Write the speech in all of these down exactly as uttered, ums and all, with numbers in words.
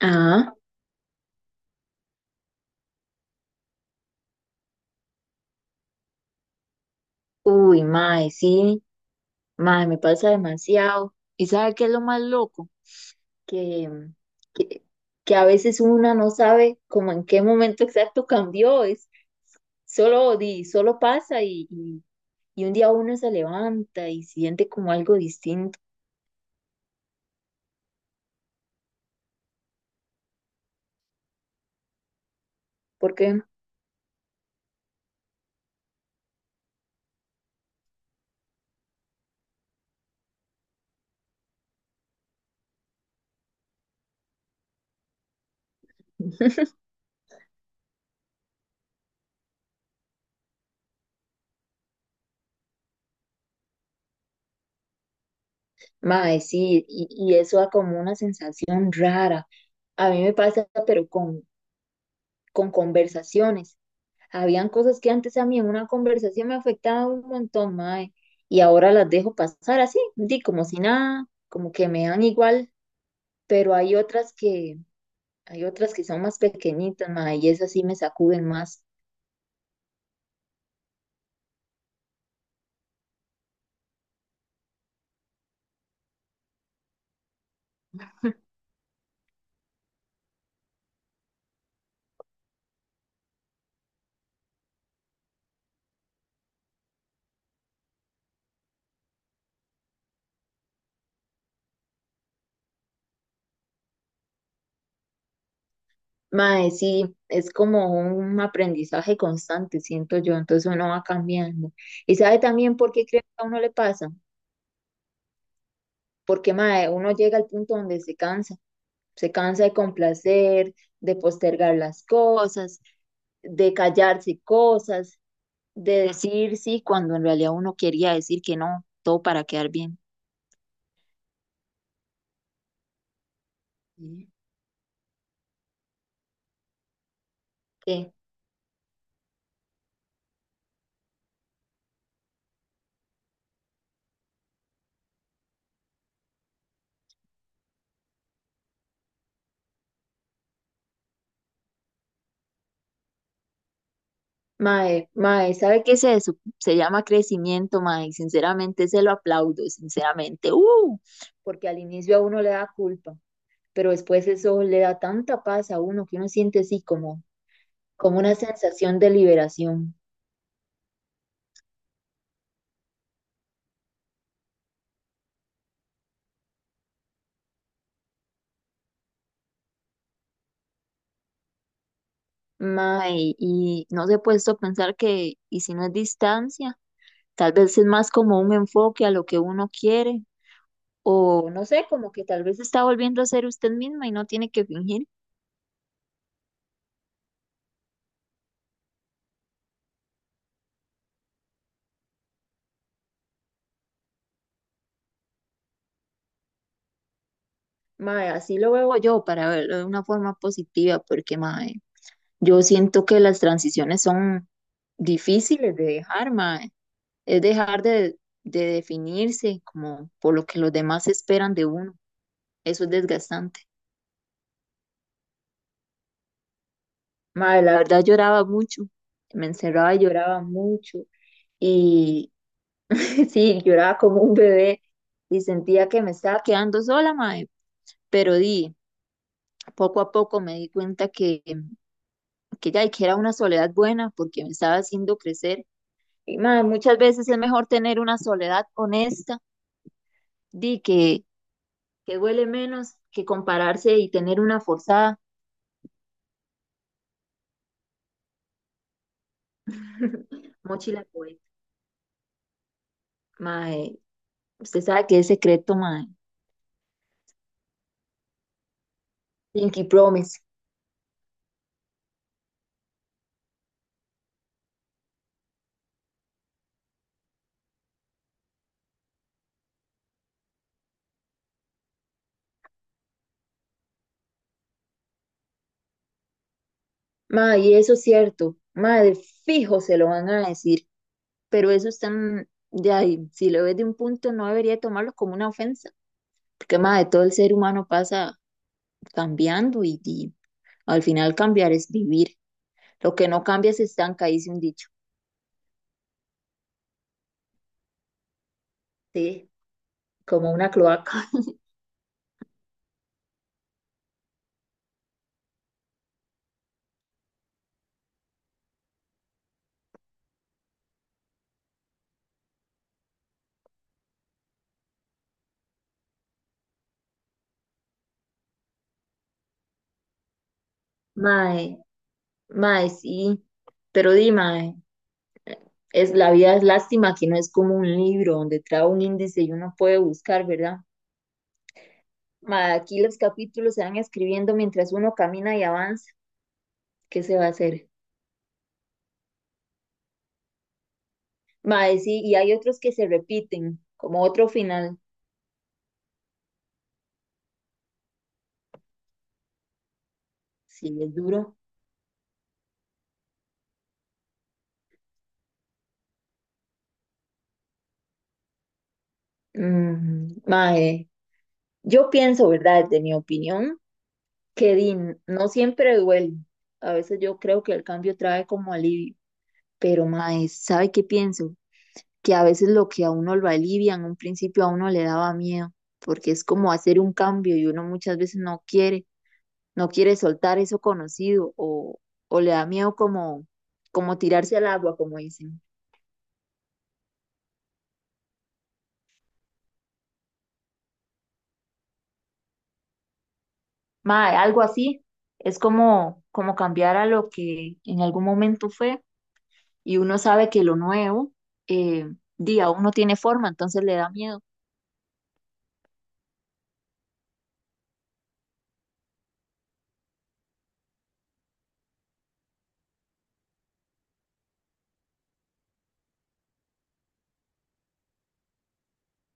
Ah, uy, mae, sí, mae, me pasa demasiado. ¿Y sabe qué es lo más loco? Que, que, que a veces una no sabe como en qué momento exacto cambió, es solo, di, solo pasa y, y, y un día uno se levanta y siente como algo distinto, porque, mae, sí, y, y eso da como una sensación rara. A mí me pasa, pero con, con conversaciones. Habían cosas que antes a mí en una conversación me afectaban un montón, mae, y ahora las dejo pasar así, di como si nada, como que me dan igual, pero hay otras que, hay otras que son más pequeñitas, mae, y esas sí me sacuden más. Mae, sí, es como un aprendizaje constante, siento yo, entonces uno va cambiando. ¿Y sabe también por qué creo que a uno le pasa? Porque, mae, uno llega al punto donde se cansa. Se cansa de complacer, de postergar las cosas, de callarse cosas, de decir sí cuando en realidad uno quería decir que no, todo para quedar bien. Sí. ¿Qué? Mae, mae, ¿sabe qué es eso? Se llama crecimiento, mae, y sinceramente se lo aplaudo, sinceramente, uh, porque al inicio a uno le da culpa, pero después eso le da tanta paz a uno que uno siente así como, como una sensación de liberación. Mae, y no se ha puesto a pensar que, y si no es distancia, tal vez es más como un enfoque a lo que uno quiere, o no sé, como que tal vez está volviendo a ser usted misma y no tiene que fingir. Mae, así lo veo yo para verlo de una forma positiva, porque mae, yo siento que las transiciones son difíciles de dejar, mae, es dejar de, de definirse como por lo que los demás esperan de uno. Eso es desgastante. Madre, la verdad lloraba mucho, me encerraba y lloraba mucho y sí, lloraba como un bebé y sentía que me estaba quedando sola, madre, pero di, poco a poco me di cuenta que, que ya, y que era una soledad buena porque me estaba haciendo crecer y madre, muchas veces es mejor tener una soledad honesta, di, que, que duele menos que compararse y tener una forzada. Mochila poeta, mae, usted sabe que es secreto, mae. Pinky Promise. Ma, y eso es cierto, madre, fijo se lo van a decir, pero eso es tan, de ahí, si lo ves de un punto no debería tomarlo como una ofensa, porque madre todo el ser humano pasa cambiando y, y al final cambiar es vivir, lo que no cambia se estanca, dice un dicho, sí, como una cloaca, madre, madre sí, pero di, ma, eh, es, la vida es lástima que no es como un libro donde trae un índice y uno puede buscar, ¿verdad? Ma, aquí los capítulos se van escribiendo mientras uno camina y avanza. ¿Qué se va a hacer? Mae, sí, y hay otros que se repiten, como otro final. Sí, es duro. Mm, mae, yo pienso, ¿verdad? Desde mi opinión, que di, no siempre duele. A veces yo creo que el cambio trae como alivio, pero mae, ¿sabe qué pienso? Que a veces lo que a uno lo alivia en un principio a uno le daba miedo, porque es como hacer un cambio y uno muchas veces no quiere, no quiere soltar eso conocido o, o le da miedo como, como tirarse al agua, como dicen. Mae, algo así. Es como, como cambiar a lo que en algún momento fue y uno sabe que lo nuevo, eh, di, aún no tiene forma, entonces le da miedo.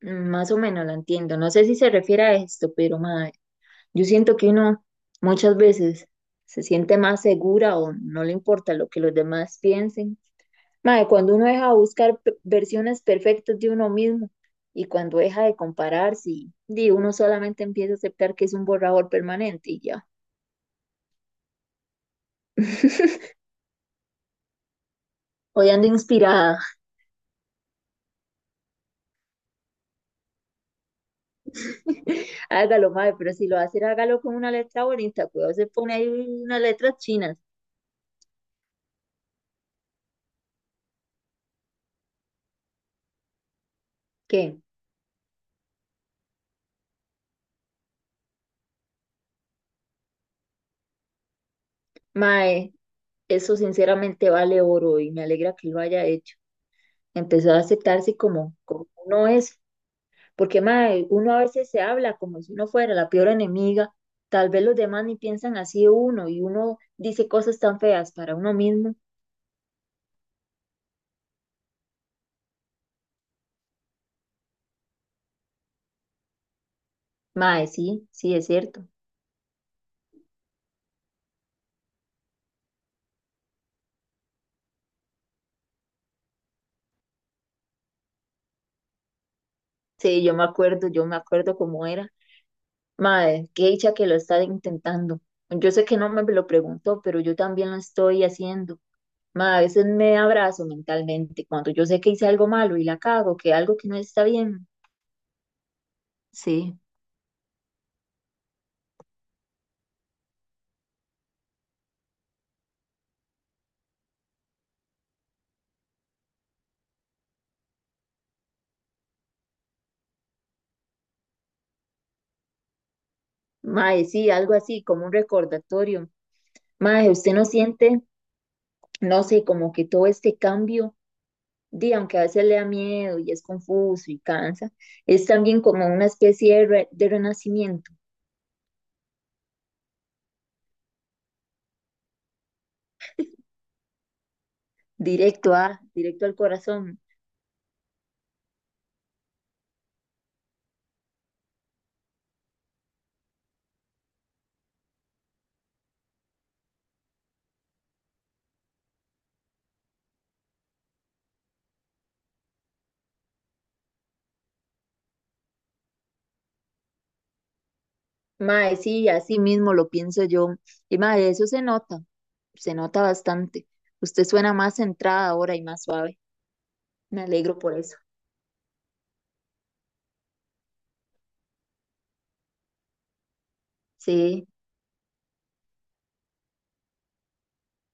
Mm, más o menos la entiendo. No sé si se refiere a esto, pero mae, yo siento que uno muchas veces se siente más segura o no le importa lo que los demás piensen. Mae, cuando uno deja de buscar pe- versiones perfectas de uno mismo y cuando deja de compararse, y, di, uno solamente empieza a aceptar que es un borrador permanente y ya. Hoy ando inspirada. Hágalo, madre, pero si lo va a hacer, hágalo con una letra bonita. Cuidado, se pone ahí unas letras chinas. ¿Qué? Mae, eso sinceramente vale oro y me alegra que lo haya hecho. Empezó a aceptarse como, como uno es. Porque, mae, uno a veces se habla como si uno fuera la peor enemiga. Tal vez los demás ni piensan así de uno y uno dice cosas tan feas para uno mismo. Mae, sí, sí, es cierto. Sí, yo me acuerdo, yo me acuerdo cómo era. Madre, qué dicha que lo está intentando. Yo sé que no me lo preguntó, pero yo también lo estoy haciendo. Madre, a veces me abrazo mentalmente cuando yo sé que hice algo malo y la cago, que algo que no está bien. Sí, madre, sí, algo así, como un recordatorio. Madre, usted no siente, no sé, como que todo este cambio, di, aunque a veces le da miedo y es confuso y cansa, es también como una especie de, re- de renacimiento, directo a, directo al corazón. Mae, sí, así mismo lo pienso yo. Y mae, eso se nota, se nota bastante. Usted suena más centrada ahora y más suave. Me alegro por eso. Sí.